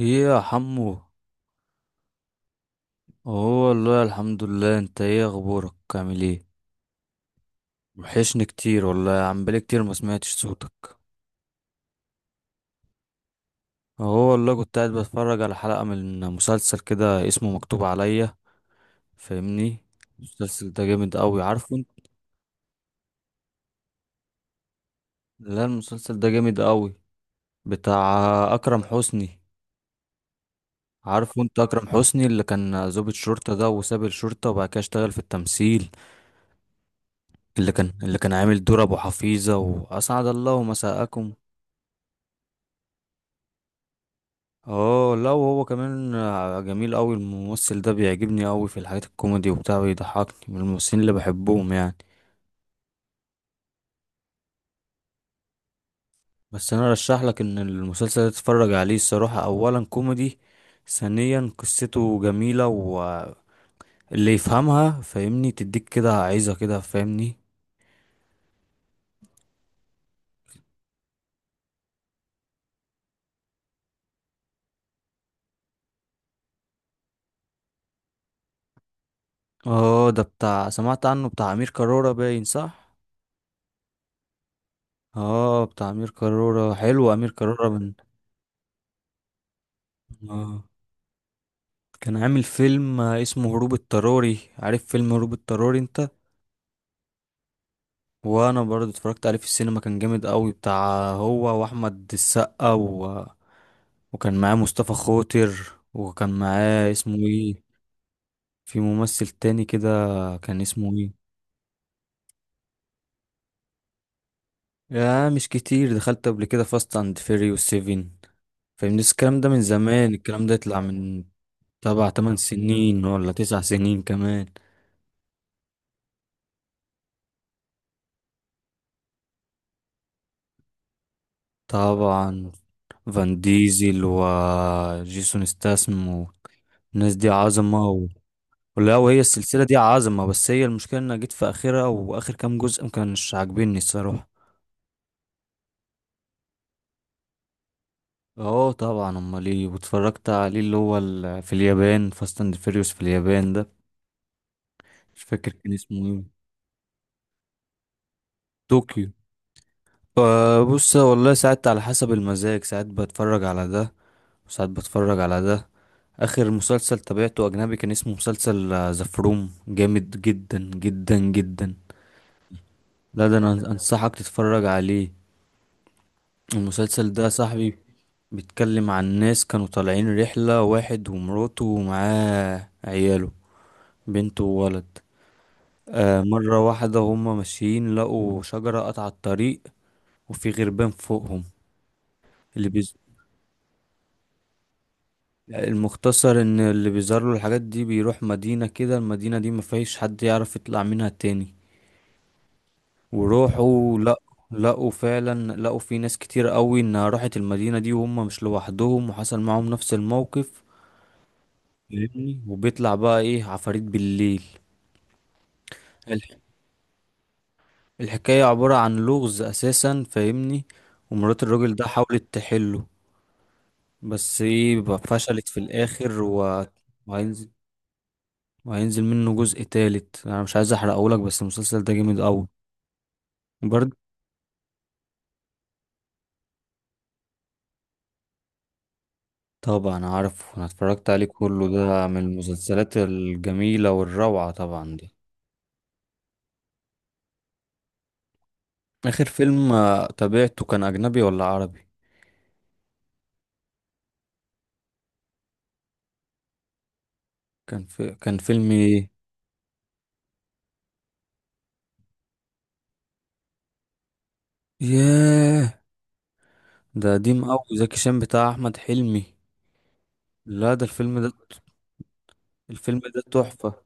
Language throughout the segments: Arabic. ايه يا حمو. هو والله الحمد لله، انت ايه اخبارك، عامل ايه؟ وحشني كتير والله يا عم، بقالي كتير ما سمعتش صوتك. هو والله كنت قاعد بتفرج على حلقة من مسلسل كده اسمه مكتوب عليا، فاهمني؟ المسلسل ده جامد قوي، عارفه انت. لا، المسلسل ده جامد قوي، بتاع اكرم حسني، عارفه انت اكرم حسني اللي كان ضابط شرطة ده وساب الشرطة وبعد كده اشتغل في التمثيل. اللي كان عامل دور ابو حفيظة واسعد الله مساءكم. اه لا، وهو كمان جميل قوي الممثل ده، بيعجبني قوي في الحاجات الكوميدي وبتاع، بيضحكني من الممثلين اللي بحبهم يعني. بس انا رشح لك ان المسلسل ده تتفرج عليه الصراحة، اولا كوميدي، ثانيا قصته جميلة، واللي يفهمها فاهمني تديك كده، عايزة كده، فاهمني؟ اه ده بتاع سمعت عنه، بتاع امير كرارة باين، صح. اه بتاع امير كرارة، حلو امير كرارة من... اه كان عامل فيلم اسمه هروب اضطراري، عارف فيلم هروب اضطراري انت. وانا برضه اتفرجت عليه في السينما، كان جامد قوي بتاع، هو واحمد السقا وكان معاه مصطفى خاطر، وكان معاه اسمه ايه، في ممثل تاني كده، كان اسمه ايه. يا مش كتير، دخلت قبل كده فاست اند فيري والسيفين، فاهمني، بس الكلام ده من زمان، الكلام ده يطلع من تبع تمن سنين ولا تسع سنين كمان. طبعا، فان ديزل وجيسون ستاسم، والناس دي عظمة. لا، وهي السلسلة دي عظمة، بس هي المشكلة ان أنا جيت في اخرها، واخر كام جزء ما كانش عاجبني الصراحة. اه طبعا، امال ايه، واتفرجت عليه اللي هو في اليابان، فاست اند فيريوس في اليابان ده مش فاكر كان اسمه ايه. طوكيو. آه بص والله، ساعات على حسب المزاج، ساعات بتفرج على ده وساعات بتفرج على ده. اخر مسلسل تابعته اجنبي كان اسمه مسلسل ذا فروم، جامد جدا جدا جدا. لا ده انا انصحك تتفرج عليه، المسلسل ده يا صاحبي بيتكلم عن ناس كانوا طالعين رحلة، واحد ومراته ومعاه عياله، بنت وولد. آه، مرة واحدة هما ماشيين لقوا شجرة قطع الطريق وفي غربان فوقهم. اللي بيز... المختصر ان اللي بيظهر له الحاجات دي بيروح مدينة كده، المدينة دي مفيش حد يعرف يطلع منها تاني. وروحوا لقوا فعلا لقوا في ناس كتير قوي انها راحت المدينة دي، وهم مش لوحدهم، وحصل معاهم نفس الموقف، فاهمني؟ وبيطلع بقى ايه؟ عفاريت بالليل. الحكاية عبارة عن لغز أساسا، فاهمني. ومرات الراجل ده حاولت تحله، بس ايه بقى، فشلت في الآخر و... وهينزل وهينزل منه جزء تالت، أنا مش عايز أحرقهولك، بس المسلسل ده جامد أوي. برضه طبعا عارف، أنا اتفرجت عليه كله، ده من المسلسلات الجميلة والروعة طبعا دي. آخر فيلم تابعته كان أجنبي ولا عربي؟ كان في... كان فيلم ايه؟ ياه، ده قديم أوي زكي شان بتاع أحمد حلمي. لا ده الفيلم ده، الفيلم ده تحفة.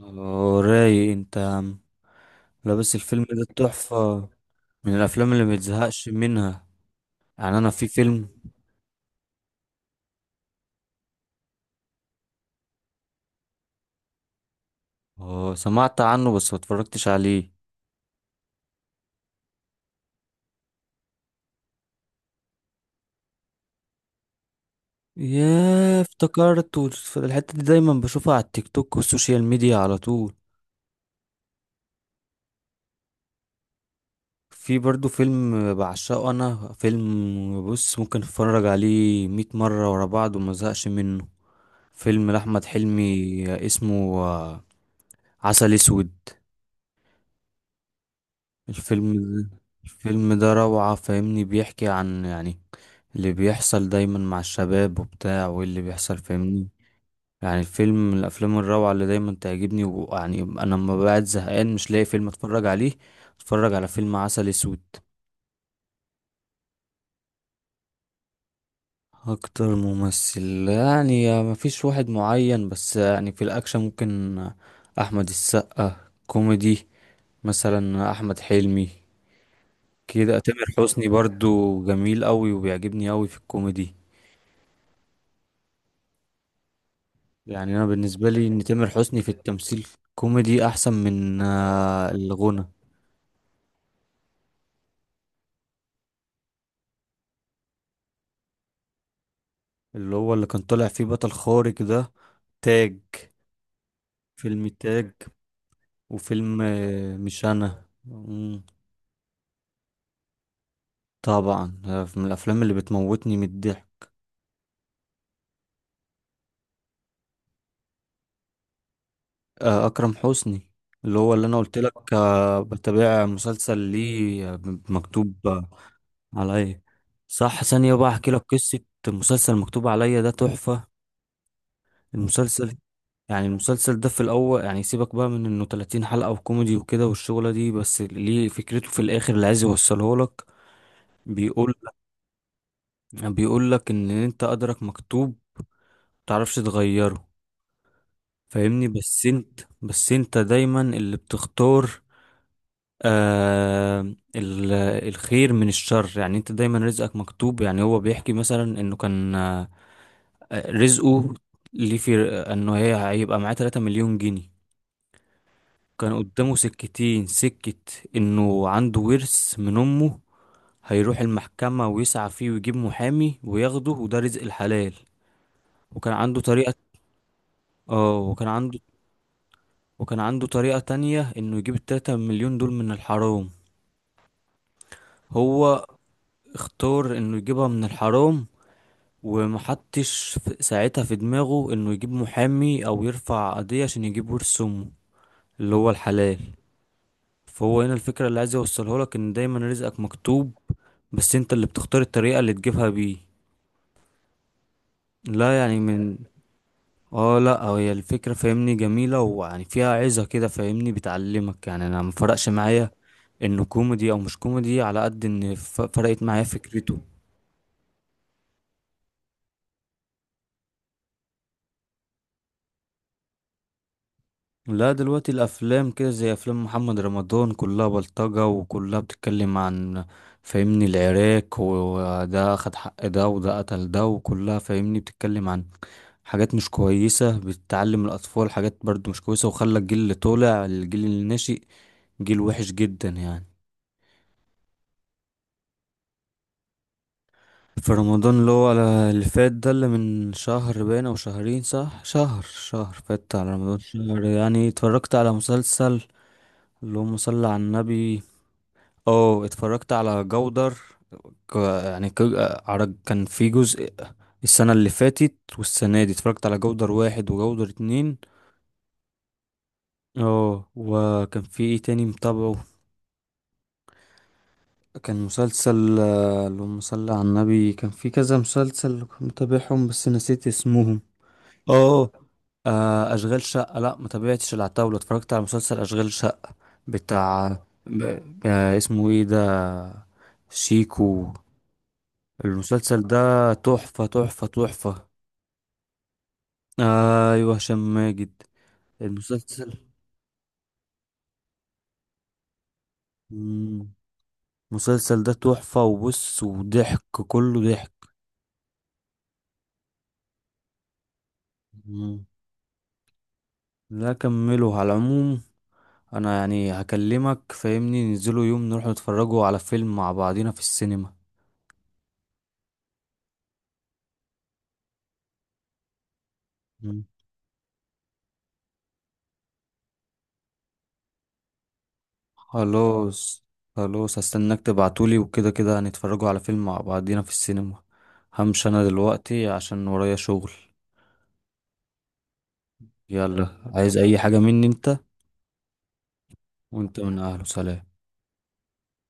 رايق انت يا عم. لا بس الفيلم ده تحفة، من الافلام اللي متزهقش منها. يعني انا في فيلم... سمعت عنه بس ما اتفرجتش عليه. ياه افتكرت، الحتة دي دايما بشوفها على التيك توك والسوشيال ميديا على طول. في برضو فيلم بعشقه انا، فيلم بص ممكن اتفرج عليه مية مرة ورا بعض وما زهقش منه، فيلم لأحمد حلمي، اسمه عسل اسود. الفيلم الفيلم ده روعة، فاهمني؟ بيحكي عن يعني اللي بيحصل دايما مع الشباب وبتاع، واللي بيحصل، فاهمني. يعني الفيلم من الأفلام الروعة اللي دايما تعجبني، ويعني أنا لما بقعد زهقان مش لاقي فيلم أتفرج عليه، أتفرج على فيلم عسل أسود. أكتر ممثل، يعني مفيش واحد معين، بس يعني في الأكشن ممكن أحمد السقا، كوميدي مثلا أحمد حلمي، كده تامر حسني برضو جميل قوي وبيعجبني قوي في الكوميدي. يعني انا بالنسبه لي ان تامر حسني في التمثيل كوميدي احسن من الغنى. اللي هو اللي كان طالع فيه بطل خارق ده، تاج، فيلم تاج، وفيلم مش انا طبعا، من الافلام اللي بتموتني من الضحك. اكرم حسني اللي هو اللي انا قلت لك بتابع مسلسل ليه مكتوب عليا. صح، ثانيه بقى احكي لك قصه، مسلسل مكتوب عليا ده تحفه. المسلسل، يعني المسلسل ده في الأول، يعني سيبك بقى من إنه 30 حلقة وكوميدي وكده والشغلة دي، بس ليه فكرته في الآخر اللي عايز يوصله لك، بيقول بيقول لك إن أنت قدرك مكتوب، متعرفش تغيره، فاهمني؟ بس أنت دايما اللي بتختار آه ال- الخير من الشر. يعني أنت دايما رزقك مكتوب، يعني هو بيحكي مثلا إنه كان رزقه ليه، في إنه هي هيبقى معاه 3 مليون جنيه. كان قدامه سكتين سكة، انه عنده ورث من امه، هيروح المحكمة ويسعى فيه ويجيب محامي وياخده وده رزق الحلال. وكان عنده طريقة اه وكان عنده وكان عنده طريقة تانية، انه يجيب التلاتة مليون دول من الحرام. هو اختار انه يجيبها من الحرام، ومحطش ساعتها في دماغه انه يجيب محامي او يرفع قضية عشان يجيب ورث امه، اللي هو الحلال. فهو هنا الفكرة اللي عايز يوصله لك، ان دايما رزقك مكتوب، بس انت اللي بتختار الطريقة اللي تجيبها بيه. لا، يعني من... اه لا، هي الفكرة فاهمني جميلة، ويعني فيها عظة كده، فاهمني؟ بتعلمك، يعني انا مفرقش معايا انه كوميدي او مش كوميدي، على قد ان فرقت معايا فكرته. لا دلوقتي الافلام كده زي افلام محمد رمضان، كلها بلطجة وكلها بتتكلم عن فاهمني العراك، وده اخد حق ده وده قتل ده، وكلها فاهمني بتتكلم عن حاجات مش كويسة، بتعلم الأطفال حاجات برضو مش كويسة، وخلى الجيل اللي طالع، الجيل اللي ناشئ جيل وحش جدا يعني. في رمضان اللي هو اللي فات ده، اللي من شهر باين أو شهرين، صح، شهر فات على رمضان، شهر يعني اتفرجت على مسلسل، اللهم صل على النبي. اه، اتفرجت على جودر، ك- كان في جزء السنة اللي فاتت والسنة دي، اتفرجت على جودر واحد وجودر اتنين. اه وكان في ايه تاني متابعه، كان مسلسل اللهم صل على النبي، كان في كذا مسلسل كنت متابعهم بس نسيت اسمهم. اه اشغال شقة، لا ما تابعتش العتاولة، اتفرجت على مسلسل اشغال شقة بتاع ب... اسمه ايه ده، شيكو. المسلسل ده تحفة تحفة تحفة. ايوه هشام ماجد. المسلسل مم. المسلسل ده تحفة، وبص وضحك، كله ضحك. مم. لا كمله على العموم، انا يعني هكلمك فاهمني ننزلوا يوم نروح نتفرجوا على فيلم مع بعضينا في السينما. مم. خلاص، خلاص هستناك تبعتولي، وكده كده هنتفرجوا على فيلم مع بعضينا في السينما، همشي انا دلوقتي عشان ورايا شغل. يلا، عايز اي حاجة مني انت؟ وانت من اهله، سلام.